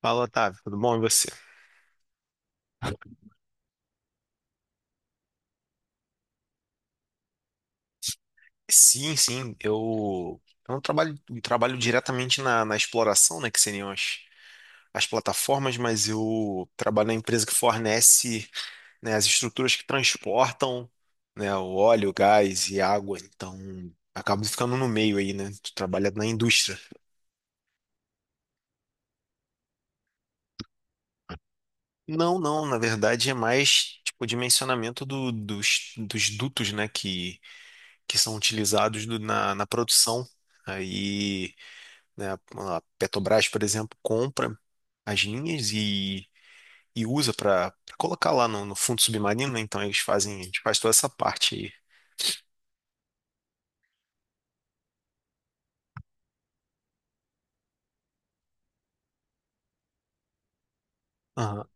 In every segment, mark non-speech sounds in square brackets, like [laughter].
Fala, Otávio, tudo bom? E você? Sim, sim, eu, eu não trabalho, trabalho diretamente na exploração, né, que seriam as plataformas, mas eu trabalho na empresa que fornece, né, as estruturas que transportam, né, o óleo, o gás e a água, então acabo ficando no meio aí, né, tu trabalha na indústria. Não, não, na verdade é mais, tipo, o dimensionamento dos dutos, né, que são utilizados na produção, aí... né? A Petrobras, por exemplo, compra as linhas e usa para colocar lá no fundo submarino, né? Então eles fazem, a gente faz toda essa parte aí. Aham.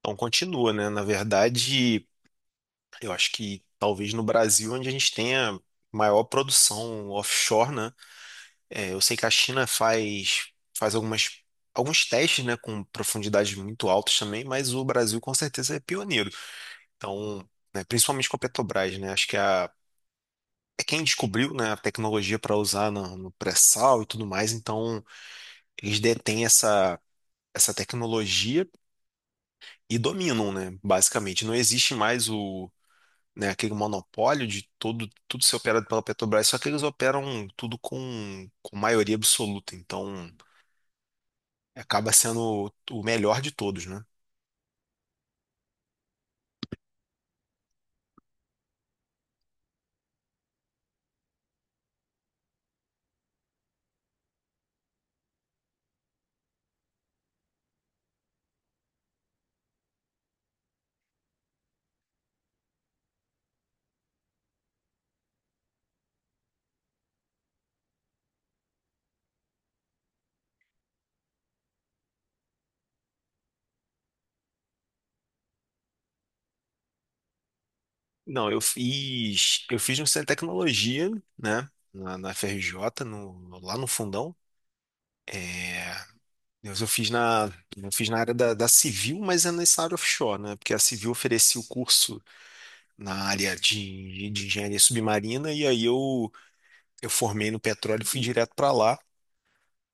Então continua, né? Na verdade, eu acho que talvez no Brasil, onde a gente tenha maior produção offshore, né? É, eu sei que a China faz algumas, alguns testes, né? Com profundidades muito altas também, mas o Brasil com certeza é pioneiro. Então, né, principalmente com a Petrobras, né? Acho que a é quem descobriu, né, a tecnologia para usar no pré-sal e tudo mais, então eles detêm essa tecnologia e dominam, né, basicamente. Não existe mais o, né, aquele monopólio de todo, tudo ser operado pela Petrobras, só que eles operam tudo com maioria absoluta, então acaba sendo o melhor de todos, né? Não, eu fiz no Centro de Tecnologia, né, na FRJ, no- lá no Fundão. É, Deus, eu fiz na área da civil, mas é nessa área offshore, né? Porque a civil oferecia o curso na área de engenharia submarina, e aí eu formei no petróleo e fui direto para lá,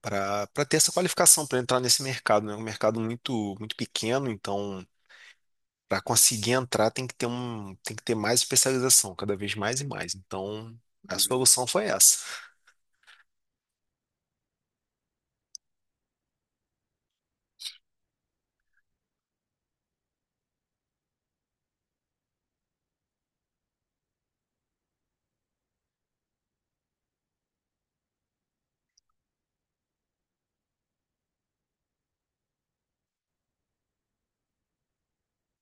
para ter essa qualificação, para entrar nesse mercado, né? É um mercado muito pequeno, então para conseguir entrar tem que ter um, tem que ter mais especialização, cada vez mais e mais. Então a solução foi essa.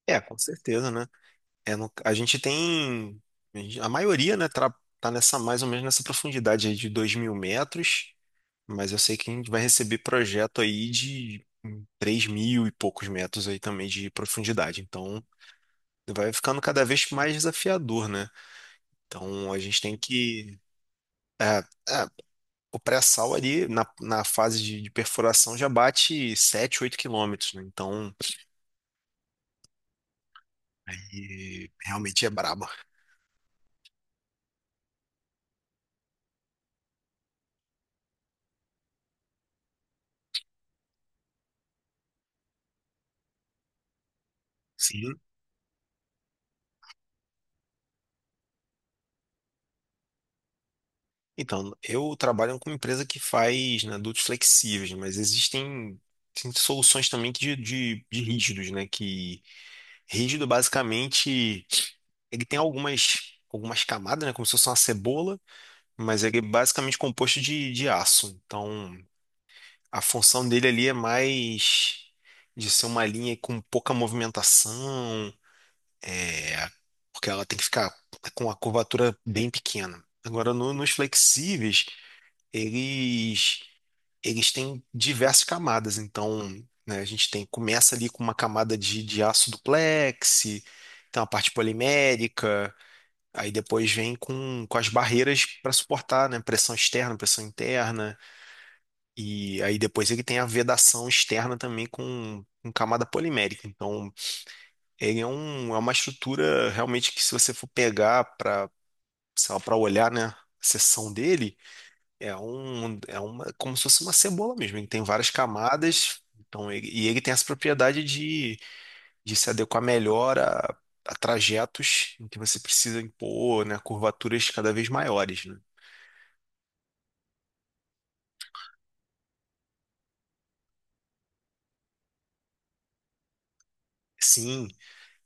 É, com certeza, né? É no- a gente tem, a maioria, né, tra- tá, nessa mais ou menos nessa profundidade aí de 2 mil metros, mas eu sei que a gente vai receber projeto aí de 3 mil e poucos metros aí também de profundidade. Então, vai ficando cada vez mais desafiador, né? Então, a gente tem que... é, é, o pré-sal ali, na fase de perfuração, já bate 7 8 quilômetros, né? Então, e realmente é brabo. Então, eu trabalho com uma empresa que faz, né, adultos flexíveis, mas existem, tem soluções também que de rígidos, né? Que rígido, basicamente, ele tem algumas camadas, né? Como se fosse uma cebola, mas ele é basicamente composto de aço. Então, a função dele ali é mais de ser uma linha com pouca movimentação, é, porque ela tem que ficar com a curvatura bem pequena. Agora, no- nos flexíveis, eles eles têm diversas camadas. Então, né, a gente tem, começa ali com uma camada de aço duplex, então a parte polimérica, aí depois vem com as barreiras para suportar, né, pressão externa, pressão interna, e aí depois ele tem a vedação externa também com camada polimérica. Então, ele é, um, é uma estrutura realmente que se você for pegar para, sei lá, para olhar, né, a seção dele é um, é uma, como se fosse uma cebola mesmo. Ele tem várias camadas, então ele- e ele tem essa propriedade de se adequar melhor a trajetos em que você precisa impor, né, curvaturas cada vez maiores, né? Sim.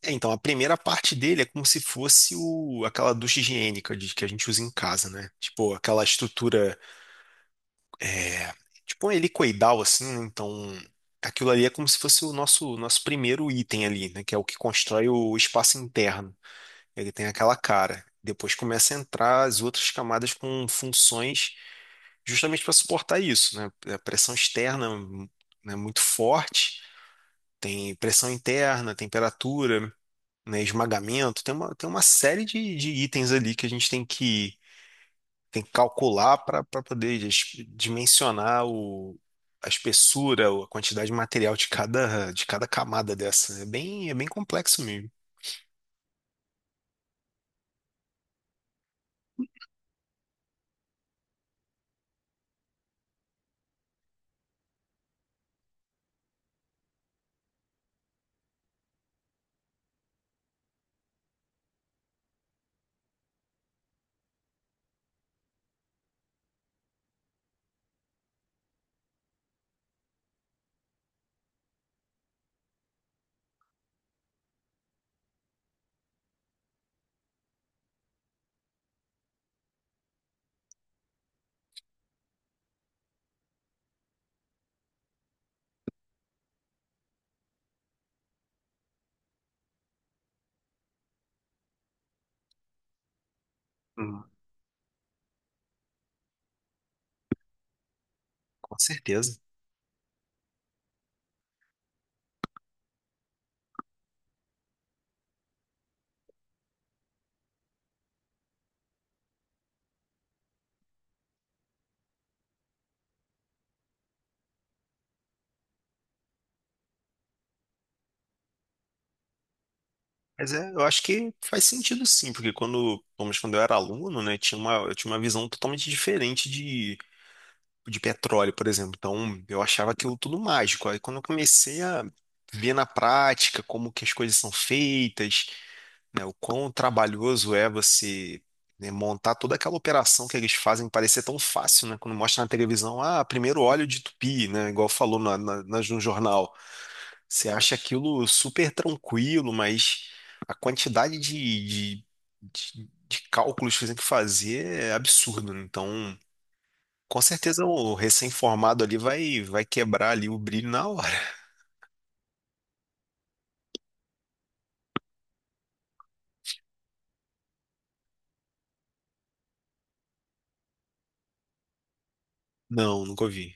É, então a primeira parte dele é como se fosse o, aquela ducha higiênica de, que a gente usa em casa, né? Tipo aquela estrutura, é, tipo um helicoidal assim, né? Então aquilo ali é como se fosse o nosso primeiro item ali, né? Que é o que constrói o espaço interno. Ele tem aquela cara. Depois começa a entrar as outras camadas com funções justamente para suportar isso, né? A pressão externa é muito forte, tem pressão interna, temperatura, né? Esmagamento, tem uma série de itens ali que a gente tem tem que calcular para poder dis- dimensionar o, a espessura, ou a quantidade de material de de cada camada dessa. É bem complexo mesmo. Hum, com certeza. Mas é, eu acho que faz sentido sim, porque quando, pelo menos quando eu era aluno, né, tinha uma, eu tinha uma visão totalmente diferente de petróleo, por exemplo. Então, eu achava aquilo tudo mágico. Aí quando eu comecei a ver na prática como que as coisas são feitas, né, o quão trabalhoso é você, né, montar toda aquela operação que eles fazem parecer tão fácil, né? Quando mostra na televisão, ah, primeiro óleo de tupi, né, igual falou no jornal. Você acha aquilo super tranquilo, mas a quantidade de cálculos que você tem que fazer é absurdo, né? Então, com certeza o recém-formado ali vai, vai quebrar ali o brilho na hora. [laughs] Não, nunca ouvi.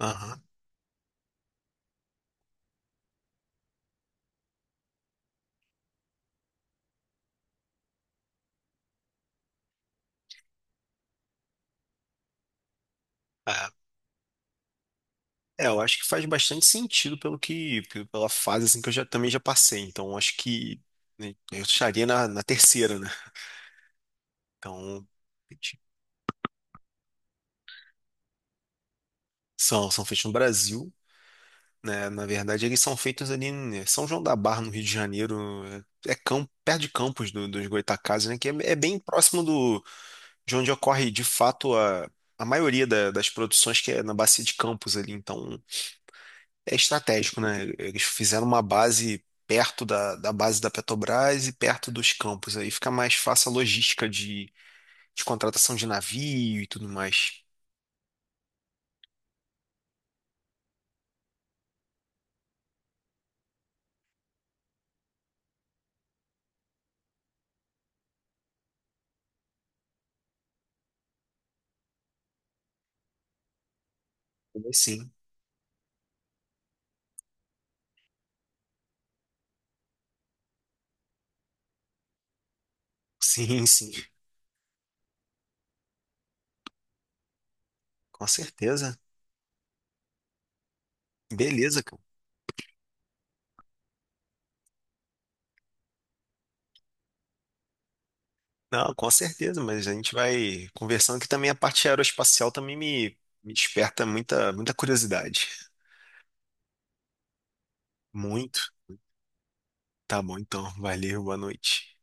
Aham. É, é, eu acho que faz bastante sentido pelo que, pe- pela fase assim que eu já também já passei. Então, eu acho que né, eu estaria na terceira, né? Então, são, são feitos no Brasil, né? Na verdade, eles são feitos ali em São João da Barra, no Rio de Janeiro. É campo, perto de Campos do, dos Goytacazes, né? Que é, é bem próximo do, de onde ocorre, de fato, a maioria da- das produções, que é na Bacia de Campos ali. Então, é estratégico, né? Eles fizeram uma base perto da base da Petrobras e perto dos campos. Aí fica mais fácil a logística de contratação de navio e tudo mais. Sim, [laughs] sim, sim. Com certeza. Beleza, cara. Não, com certeza, mas a gente vai conversando que também a parte aeroespacial também me desperta muita curiosidade. Muito. Tá bom, então. Valeu, boa noite.